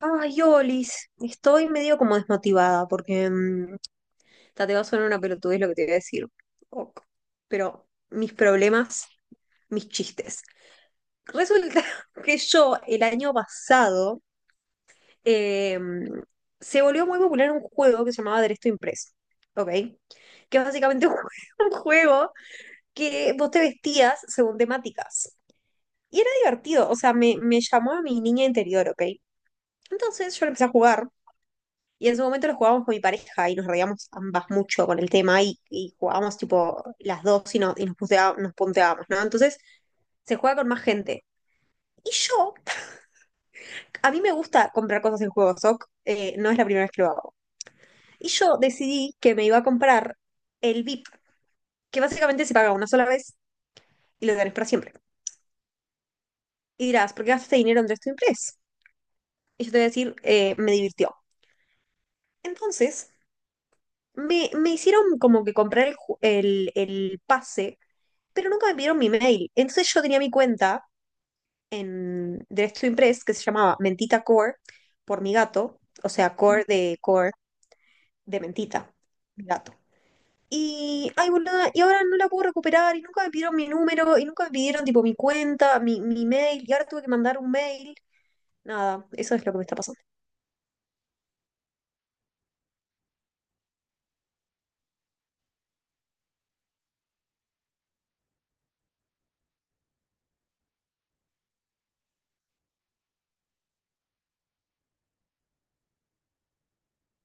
Ay, Olis, estoy medio como desmotivada porque ta, te va a sonar una pelotudez lo que te voy a decir. Ok. Pero mis problemas, mis chistes. Resulta que yo el año pasado eh, se volvió muy popular un juego que se llamaba Derecho Impreso, ¿ok? Que es básicamente un juego que vos te vestías según temáticas. Y era divertido, o sea, me llamó a mi niña interior, ¿ok? Entonces yo lo empecé a jugar. Y en su momento lo jugábamos con mi pareja y nos reíamos ambas mucho con el tema y jugábamos tipo las dos y, no- y nos punteábamos, ¿no? Entonces se juega con más gente. Y yo, a mí me gusta comprar cosas en juegos, ok, no es la primera vez que lo hago. Y yo decidí que me iba a comprar el VIP, que básicamente se paga una sola vez y lo tenés para siempre. Y dirás, ¿por qué gastaste dinero en Dress to Impress? Y yo te voy a decir, me divirtió. Entonces, me hicieron como que comprar el pase pero nunca me pidieron mi mail. Entonces yo tenía mi cuenta de Estudio Impress que se llamaba Mentita Core por mi gato, o sea, Core de Mentita, mi gato. Y, ay, boluda, y ahora no la puedo recuperar y nunca me pidieron mi número y nunca me pidieron tipo mi cuenta, mi mail y ahora tuve que mandar un mail. Nada, eso es lo que me está pasando.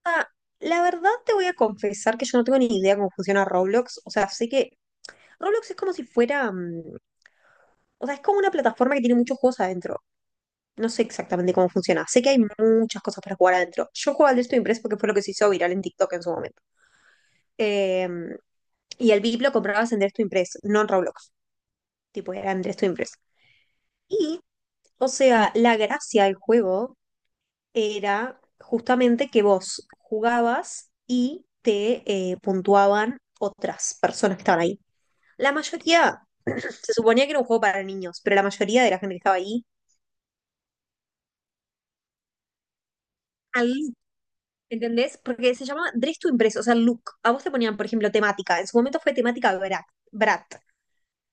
Ah, la verdad te voy a confesar que yo no tengo ni idea cómo funciona Roblox. O sea, sé que Roblox es como si fuera, o sea, es como una plataforma que tiene muchos juegos adentro. No sé exactamente cómo funciona. Sé que hay muchas cosas para jugar adentro. Yo juego al Destiny Impress porque fue lo que se hizo viral en TikTok en su momento. Eh, y el VIP lo comprabas en Destiny Impress, no en Roblox. Tipo, era en Destiny Impress. Y, o sea, la gracia del juego era justamente que vos jugabas y te puntuaban otras personas que estaban ahí. La mayoría, se suponía que era un juego para niños, pero la mayoría de la gente que estaba ahí, al look, ¿entendés? Porque se llama Dress to Impress, o sea, look. A vos te ponían, por ejemplo, temática. En su momento fue temática Brat, Brat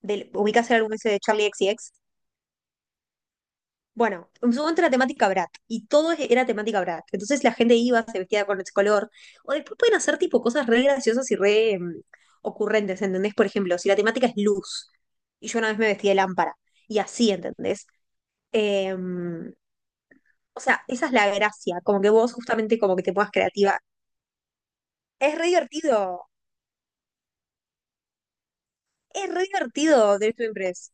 ¿ubicás el álbum ese de Charlie XCX. Bueno, en su momento era temática Brat y todo era temática Brat. Entonces la gente iba, se vestía con ese color. O después pueden hacer tipo cosas re graciosas y re ocurrentes, ¿entendés? Por ejemplo, si la temática es luz y yo una vez me vestí de lámpara y así, ¿entendés? Em, o sea, esa es la gracia, como que vos justamente como que te pongas creativa. Es re divertido, es re divertido Drive to Impress.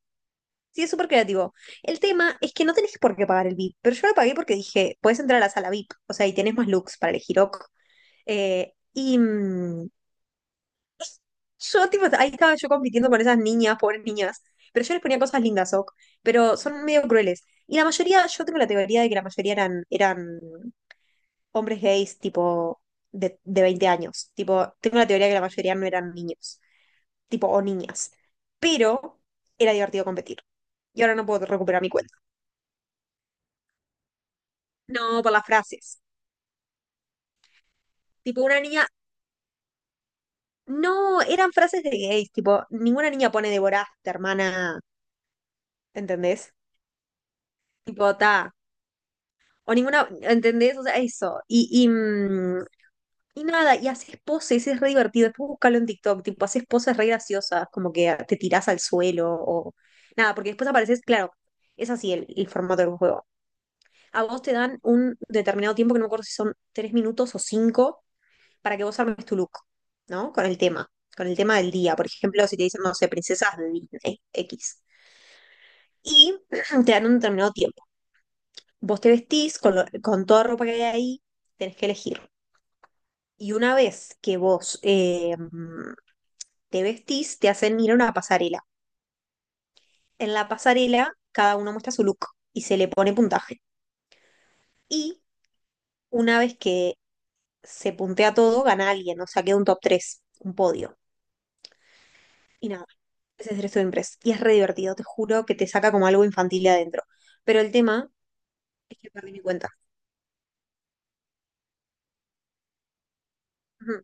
Sí, es súper creativo. El tema es que no tenés por qué pagar el VIP, pero yo lo pagué porque dije, podés entrar a la sala VIP, o sea, y tenés más looks para elegir, ok. Y yo, tipo, ahí estaba yo compitiendo con esas niñas, pobres niñas, pero yo les ponía cosas lindas, ok, pero son medio crueles. Y la mayoría, yo tengo la teoría de que la mayoría eran hombres gays, tipo, de 20 años. Tipo, tengo la teoría de que la mayoría no eran niños, tipo, o niñas. Pero era divertido competir. Y ahora no puedo recuperar mi cuenta. No, por las frases. Tipo, una niña, no, eran frases de gays, tipo, ninguna niña pone devoraste, hermana, ¿entendés? Tipo, ta, o ninguna, ¿entendés? O sea, eso. Y nada, y haces poses, es re divertido. Después búscalo en TikTok, tipo, haces poses re graciosas, como que te tirás al suelo o nada, porque después apareces, claro, es así el formato del juego. A vos te dan un determinado tiempo, que no me acuerdo si son 3 minutos o cinco, para que vos armes tu look, ¿no? Con el tema del día. Por ejemplo, si te dicen, no sé, princesas de Disney X. Y te dan un determinado tiempo. Vos te vestís con toda ropa que hay ahí, tenés que elegir. Y una vez que vos te vestís, te hacen ir a una pasarela. En la pasarela, cada uno muestra su look y se le pone puntaje. Y una vez que se puntea todo, gana alguien, o sea, queda un top 3 un podio. Y nada, ese es Dress to Impress. Y es re divertido, te juro que te saca como algo infantil de adentro. Pero el tema es que perdí mi cuenta. Ujú.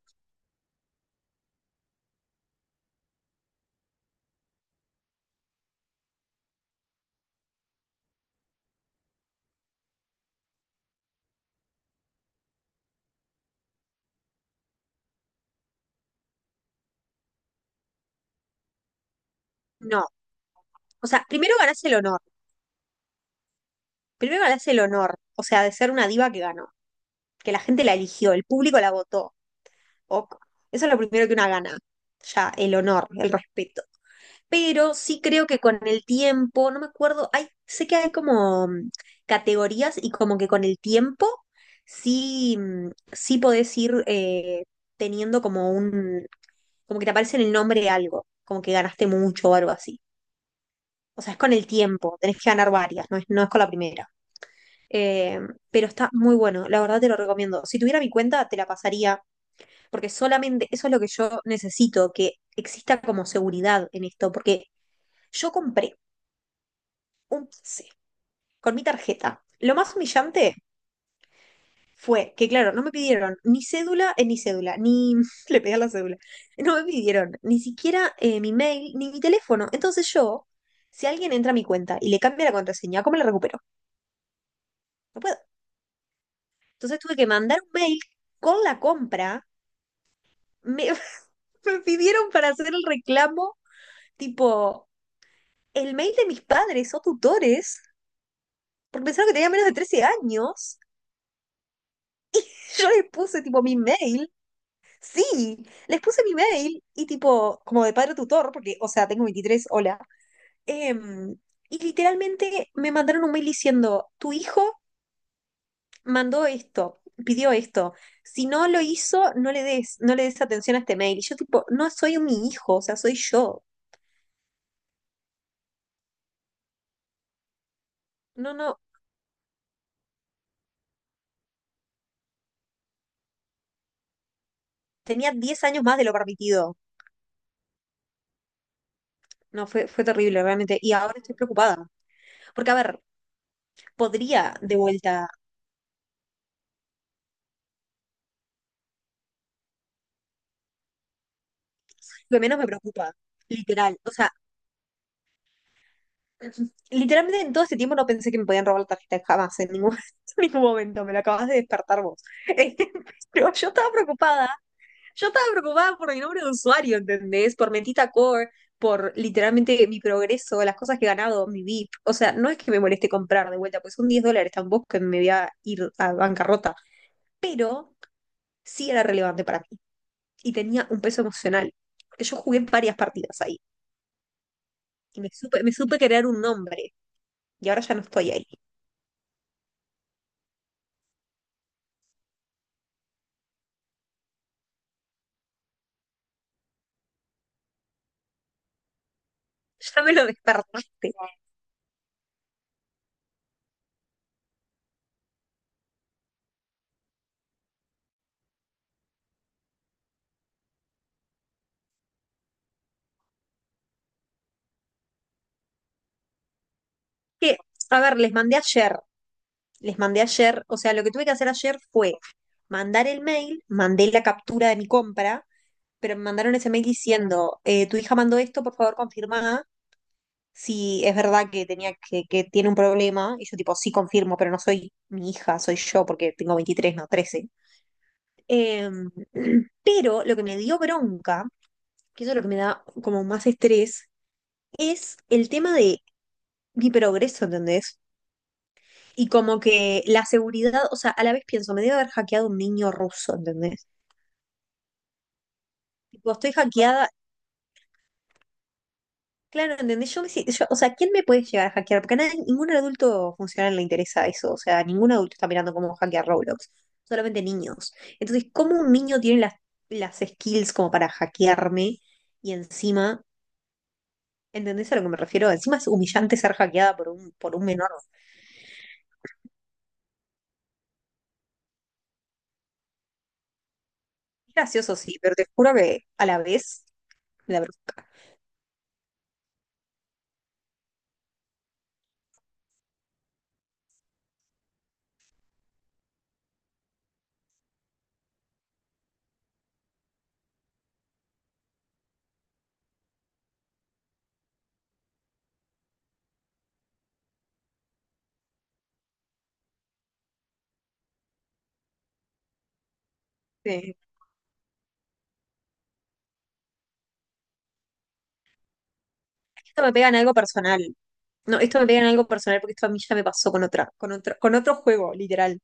No, o sea, primero ganás el honor. Primero ganás el honor, o sea, de ser una diva que ganó, que la gente la eligió, el público la votó. Ok. Eso es lo primero que una gana, ya, el honor, el respeto. Pero sí creo que con el tiempo, no me acuerdo, sé que hay como categorías y como que con el tiempo sí, sí podés ir teniendo como un, como que te aparece en el nombre de algo, como que ganaste mucho o algo así. O sea, es con el tiempo, tenés que ganar varias, no es con la primera. Eh, pero está muy bueno, la verdad te lo recomiendo. Si tuviera mi cuenta, te la pasaría porque solamente eso es lo que yo necesito, que exista como seguridad en esto, porque yo compré un pase con mi tarjeta. Lo más humillante fue que, claro, no me pidieron ni cédula, ni cédula, ni le pedí a la cédula, no me pidieron ni siquiera mi mail, ni mi teléfono. Entonces yo, si alguien entra a mi cuenta y le cambia la contraseña, ¿cómo la recupero? No puedo. Entonces tuve que mandar un mail con la compra, me, me pidieron para hacer el reclamo, tipo, el mail de mis padres o tutores, porque pensaron que tenía menos de 13 años. Yo les puse tipo mi mail. Sí, les puse mi mail y tipo, como de padre tutor, porque, o sea, tengo 23. Hola. Em, y literalmente me mandaron un mail diciendo, tu hijo mandó esto, pidió esto. Si no lo hizo, no le des atención a este mail. Y yo tipo, no soy mi hijo, o sea, soy yo. No, no, tenía 10 años más de lo permitido. No, fue terrible, realmente. Y ahora estoy preocupada. Porque, a ver, podría de vuelta, lo que menos me preocupa, literal. O sea, literalmente en todo este tiempo no pensé que me podían robar la tarjeta jamás, en ningún, en ningún momento, me lo acabas de despertar vos. Pero yo estaba preocupada por mi nombre de usuario, ¿entendés? Por Mentita Core, por literalmente mi progreso, las cosas que he ganado, mi VIP. O sea, no es que me moleste comprar de vuelta, pues son $10 tampoco que me voy a ir a bancarrota, pero sí era relevante para mí y tenía un peso emocional, porque yo jugué varias partidas ahí, que me supe crear un nombre y ahora ya no estoy ahí. Ya me lo despertaste. Que, a ver, les mandé ayer, o sea, lo que tuve que hacer ayer fue mandar el mail, mandé la captura de mi compra, pero me mandaron ese mail diciendo, tu hija mandó esto, por favor confirma si es verdad que que tiene un problema. Y yo tipo, sí confirmo, pero no soy mi hija, soy yo, porque tengo 23 no 13. Eh, pero lo que me dio bronca, que eso es lo que me da como más estrés, es el tema de mi progreso, ¿entendés? Y como que la seguridad, o sea, a la vez pienso, me debe haber hackeado un niño ruso, ¿entendés? Tipo, estoy hackeada, claro, ¿entendés? Yo me, si- yo- o sea, ¿quién me puede llegar a hackear? Porque a nadie- ningún adulto funcional le interesa eso, o sea, ningún adulto está mirando cómo hackear Roblox, solamente niños. Entonces, ¿cómo un niño tiene las skills como para hackearme y encima, ¿entendés a lo que me refiero? Encima es humillante ser hackeada por por un menor. Es gracioso, sí, pero te juro que a la vez la brusca. Sí. Esto me pega en algo personal. No, esto me pega en algo personal porque esto a mí ya me pasó con otra, con otro juego, literal,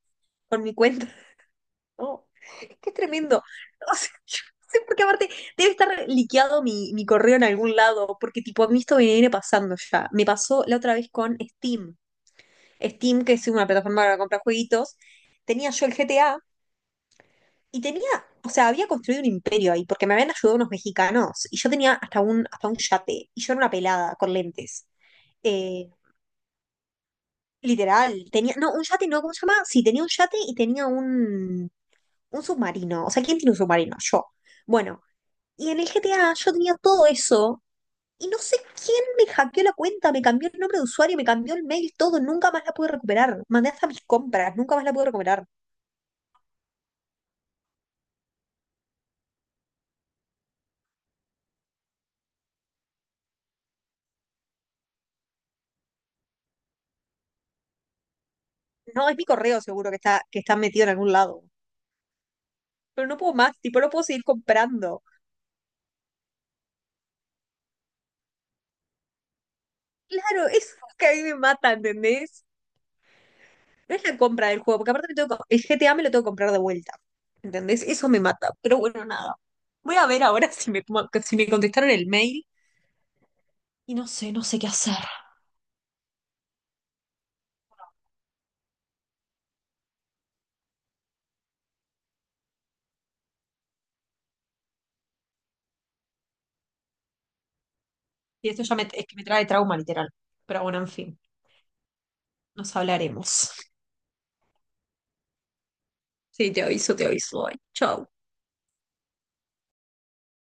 con mi cuenta. No, es que es tremendo. O sea, yo no sé por qué aparte debe estar liqueado mi correo en algún lado, porque tipo a mí esto me viene pasando ya. Me pasó la otra vez con Steam. Steam, que es una plataforma para comprar jueguitos, tenía yo el GTA y tenía, o sea, había construido un imperio ahí, porque me habían ayudado unos mexicanos y yo tenía hasta un yate y yo era una pelada con lentes. Eh, Literal, tenía, no, un yate, no, ¿cómo se llama? Sí, tenía un yate y tenía un submarino. O sea, ¿quién tiene un submarino? Yo. Bueno, y en el GTA yo tenía todo eso y no sé quién me hackeó la cuenta, me cambió el nombre de usuario, me cambió el mail, todo, nunca más la pude recuperar. Mandé hasta mis compras, nunca más la pude recuperar. No, es mi correo seguro que está, metido en algún lado. Pero no puedo más, tipo, no puedo seguir comprando. Claro, eso es lo que a mí me mata, ¿entendés? No es la compra del juego, porque aparte el GTA me lo tengo que comprar de vuelta. ¿Entendés? Eso me mata. Pero bueno, nada. Voy a ver ahora si me contestaron el mail y no sé, no sé qué hacer. Y esto ya me, es que me trae trauma, literal. Pero bueno, en fin, nos hablaremos. Sí, te aviso, te aviso. Ay, chau.